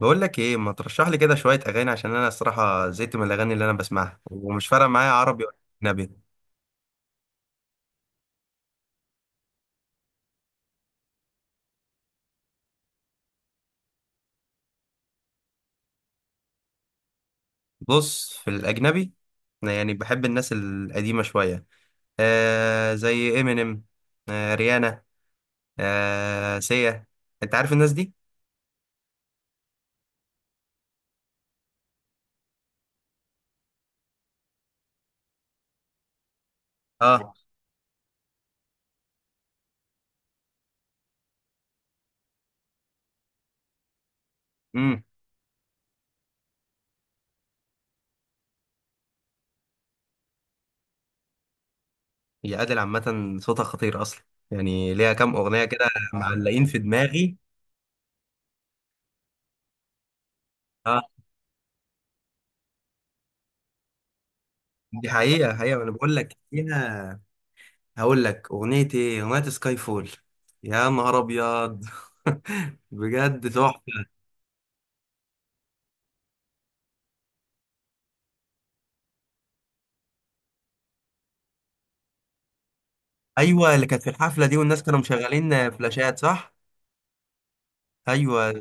بقول لك ايه ما ترشح لي كده شويه اغاني عشان انا الصراحه زهقت من الاغاني اللي انا بسمعها ومش فارقه معايا عربي ولا اجنبي. بص في الاجنبي، أنا يعني بحب الناس القديمه شويه، زي امينيم، ريانا، سيا. انت عارف الناس دي؟ اه. امم هي ادل عامه صوتها خطير اصلا، يعني ليها كام اغنيه كده معلقين في دماغي. اه، دي حقيقه حقيقه انا بقول لك فيها. هقول لك اغنيه ايه، اغنيه سكاي فول. يا نهار ابيض! بجد تحفه. ايوه اللي كانت في الحفله دي والناس كانوا مشغلين فلاشات، صح؟ ايوه.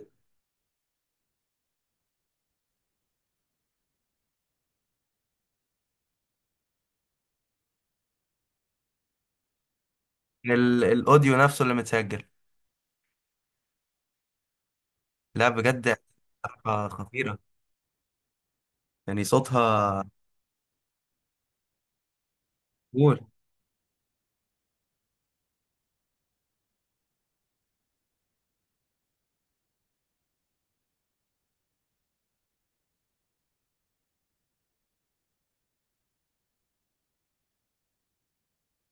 الاوديو نفسه اللي متسجل. لا بجد، حفلة خطيره، يعني صوتها. قول.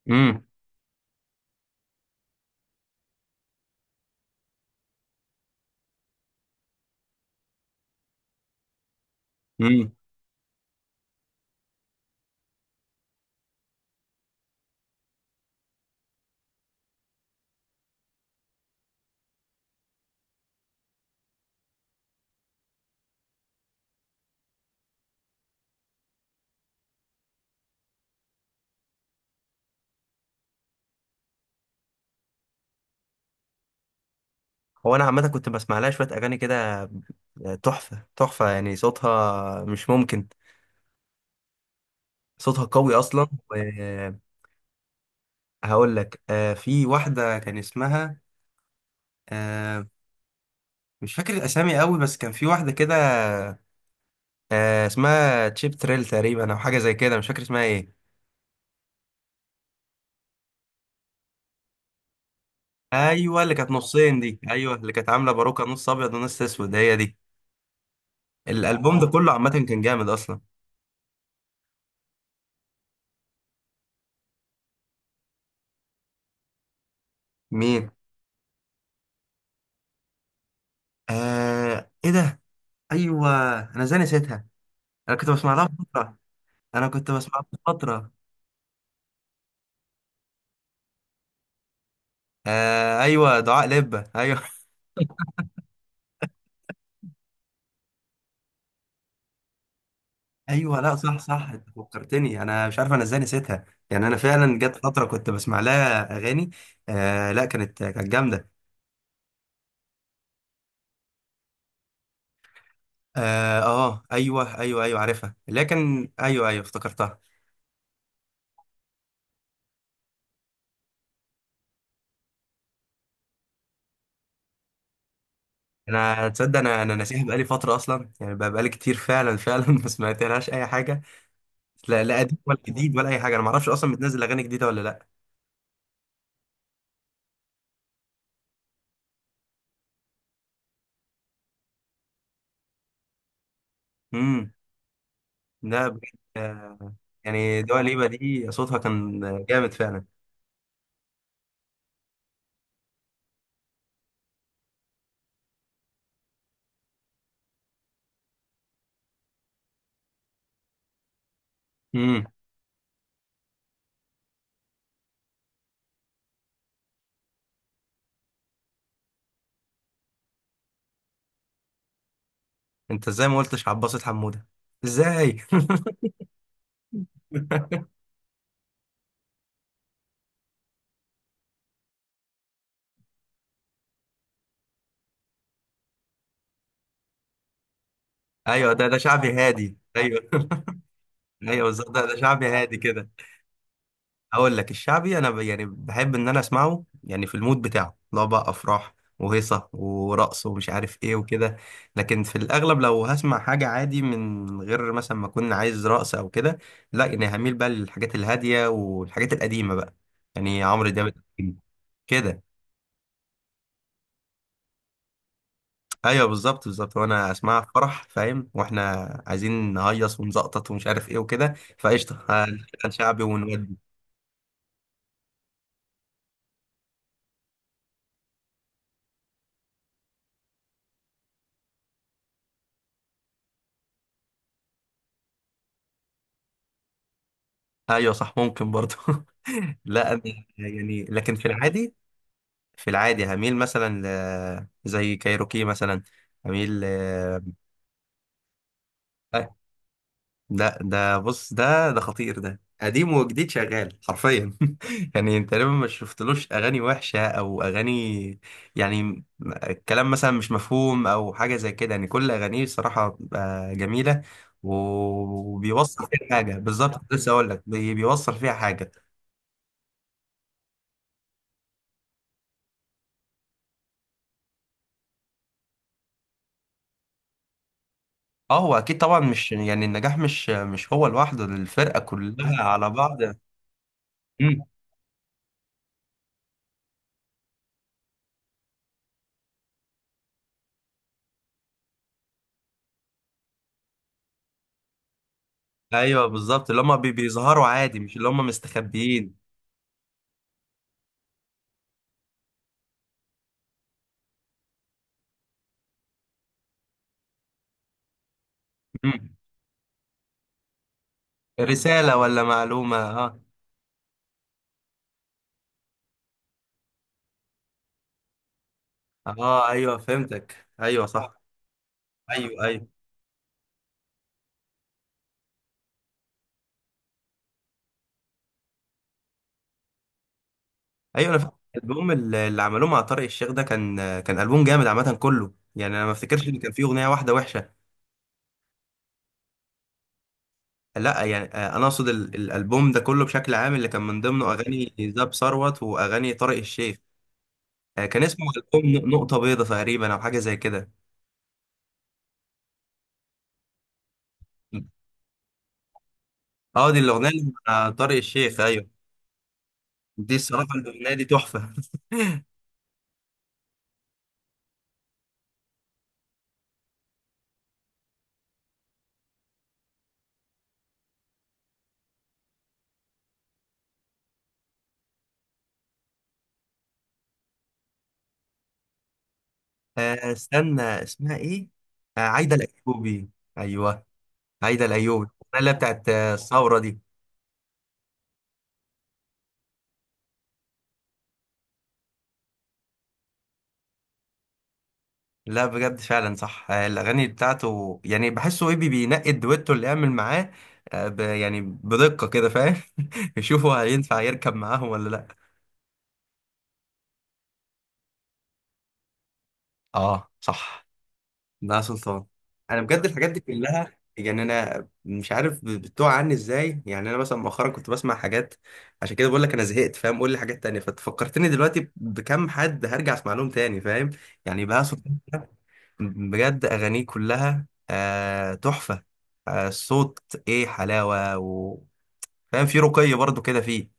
امم امم هو انا عامه كنت بسمع لها شويه اغاني كده. تحفه تحفه، يعني صوتها مش ممكن، صوتها قوي اصلا. وهقول لك، في واحده كان اسمها، آه، مش فاكر الاسامي قوي، بس كان في واحده كده. اسمها تشيب تريل تقريبا او حاجه زي كده، مش فاكر اسمها ايه. ايوه اللي كانت نصين دي، ايوه اللي كانت عامله باروكه نص ابيض ونص اسود، هي دي. الالبوم ده اه كله عامه كان جامد اصلا. مين؟ آه ايه ده. ايوه، انا ازاي نسيتها. انا كنت بسمع لها من فتره انا كنت بسمع لها من فتره. آه ايوه دعاء لبه، ايوه ايوه. لا صح صح، انت فكرتني، انا مش عارف انا ازاي نسيتها، يعني انا فعلا جت فتره كنت بسمع لها اغاني. آه لا كانت جامده. اه، ايوه ايوه ايوه عارفها، لكن ايوه ايوه افتكرتها. انا تصدق، انا ناسيها بقالي فتره اصلا، يعني بقالي كتير فعلا فعلا ما سمعتلهاش اي حاجه. لا لا قديم ولا جديد ولا اي حاجه، انا ما اعرفش اصلا بتنزل اغاني جديده ولا لا. امم لا بجد. آه يعني دوا ليبا دي صوتها كان جامد فعلا. امم انت ازاي ما قلتش عباسة حموده؟ ازاي؟ ايوه ده شعبي هادي، ايوه ايوه بالظبط ده شعبي هادي كده. اقول لك الشعبي انا يعني بحب ان انا اسمعه، يعني في المود بتاعه، لو بقى افراح وهيصه ورقص ومش عارف ايه وكده. لكن في الاغلب لو هسمع حاجه عادي من غير مثلا ما اكون عايز رقص او كده، لا يعني هميل بقى للحاجات الهاديه والحاجات القديمه بقى، يعني عمرو دياب كده. ايوه بالظبط بالظبط، وانا اسمعها في فرح فاهم، واحنا عايزين نهيص ونزقطط ومش عارف ايه وكده، فقشطه هنشغل شعبي ونودي. ايوه صح، ممكن برضه لا انا يعني لكن في العادي، في العادي هميل مثلا، ل... زي كايروكي مثلا هميل. ل... ده بص ده خطير، ده قديم وجديد شغال حرفيا يعني انت تقريبا ما شفتلوش اغاني وحشه او اغاني، يعني الكلام مثلا مش مفهوم او حاجه زي كده، يعني كل اغانيه صراحه بتبقى جميله، وبيوصل فيها حاجه بالظبط، كنت لسه اقول لك بيوصل فيها حاجه. اه هو اكيد طبعا، مش يعني النجاح مش هو لوحده، الفرقه كلها على بعض. مم. ايوه بالظبط، اللي هم بيظهروا عادي، مش اللي هم مستخبيين. رسالة ولا معلومة، اه. اه ايوه فهمتك، ايوه صح. ايوه ايوه ايوه. انا فاهم الالبوم اللي عملوه مع طارق الشيخ ده كان البوم جامد عامة كله، يعني انا ما افتكرش ان كان فيه اغنية واحدة وحشة. لا، يعني انا اقصد الالبوم ده كله بشكل عام، اللي كان من ضمنه اغاني زاب ثروت واغاني طارق الشيخ. كان اسمه البوم نقطة بيضة تقريبا او حاجة زي كده. اه دي الاغنية اللي مع طارق الشيخ، ايوه. دي الصراحة الاغنية دي تحفة. استنى اسمها ايه. عايدة الايوبي. ايوه هيدا الايوبي اللي بتاعت الثوره دي. لا بجد فعلا صح. الاغاني بتاعته يعني بحسه ايه بينقي الدويتو اللي يعمل معاه، يعني بدقه كده فاهم يشوفوا هينفع يركب معاهم ولا لا. اه صح، ده سلطان. انا بجد الحاجات دي كلها، يعني انا مش عارف بتوع عني ازاي، يعني انا مثلا مؤخرا كنت بسمع حاجات، عشان كده بقول لك انا زهقت فاهم، قول لي حاجات تانية ففكرتني دلوقتي بكم حد هرجع اسمع لهم تاني فاهم. يعني بهاء سلطان بجد أغانيه كلها آه تحفة، آه الصوت إيه حلاوة. و... فاهم، في رقي برضو كده فيه.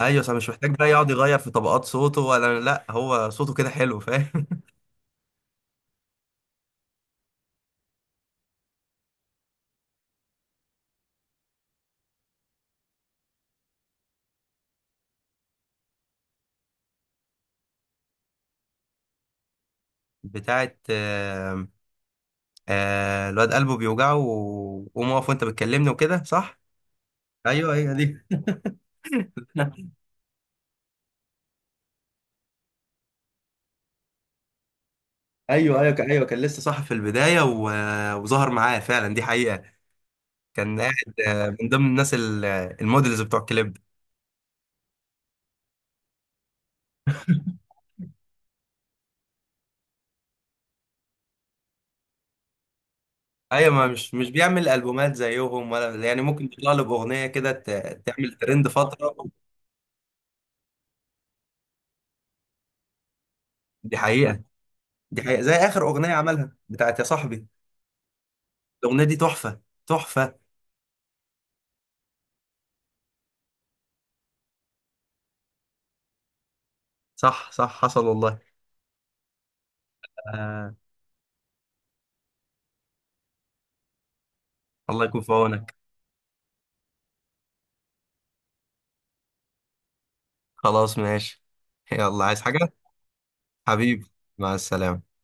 أيوة صح، مش محتاج بقى يقعد يغير في طبقات صوته ولا لأ، هو صوته كده حلو فاهم. بتاعت آه، آه الواد قلبه بيوجعه وقوم واقف وأنت بتكلمني وكده، صح؟ أيوة أيوة دي. أيوة أيوة أيوة كان لسه صح في البداية، و... وظهر معاه فعلا دي حقيقة. كان قاعد من ضمن الناس المودلز بتوع الكليب. ايوه، ما مش بيعمل البومات زيهم ولا، يعني ممكن يطلع له باغنيه كده تعمل ترند فتره. دي حقيقه، دي حقيقه، زي اخر اغنيه عملها بتاعت يا صاحبي، الاغنيه دي تحفه، تحفه. صح صح حصل والله. آه الله يكون في عونك. خلاص ماشي. يلا، عايز حاجه؟ حبيبي، مع السلامه.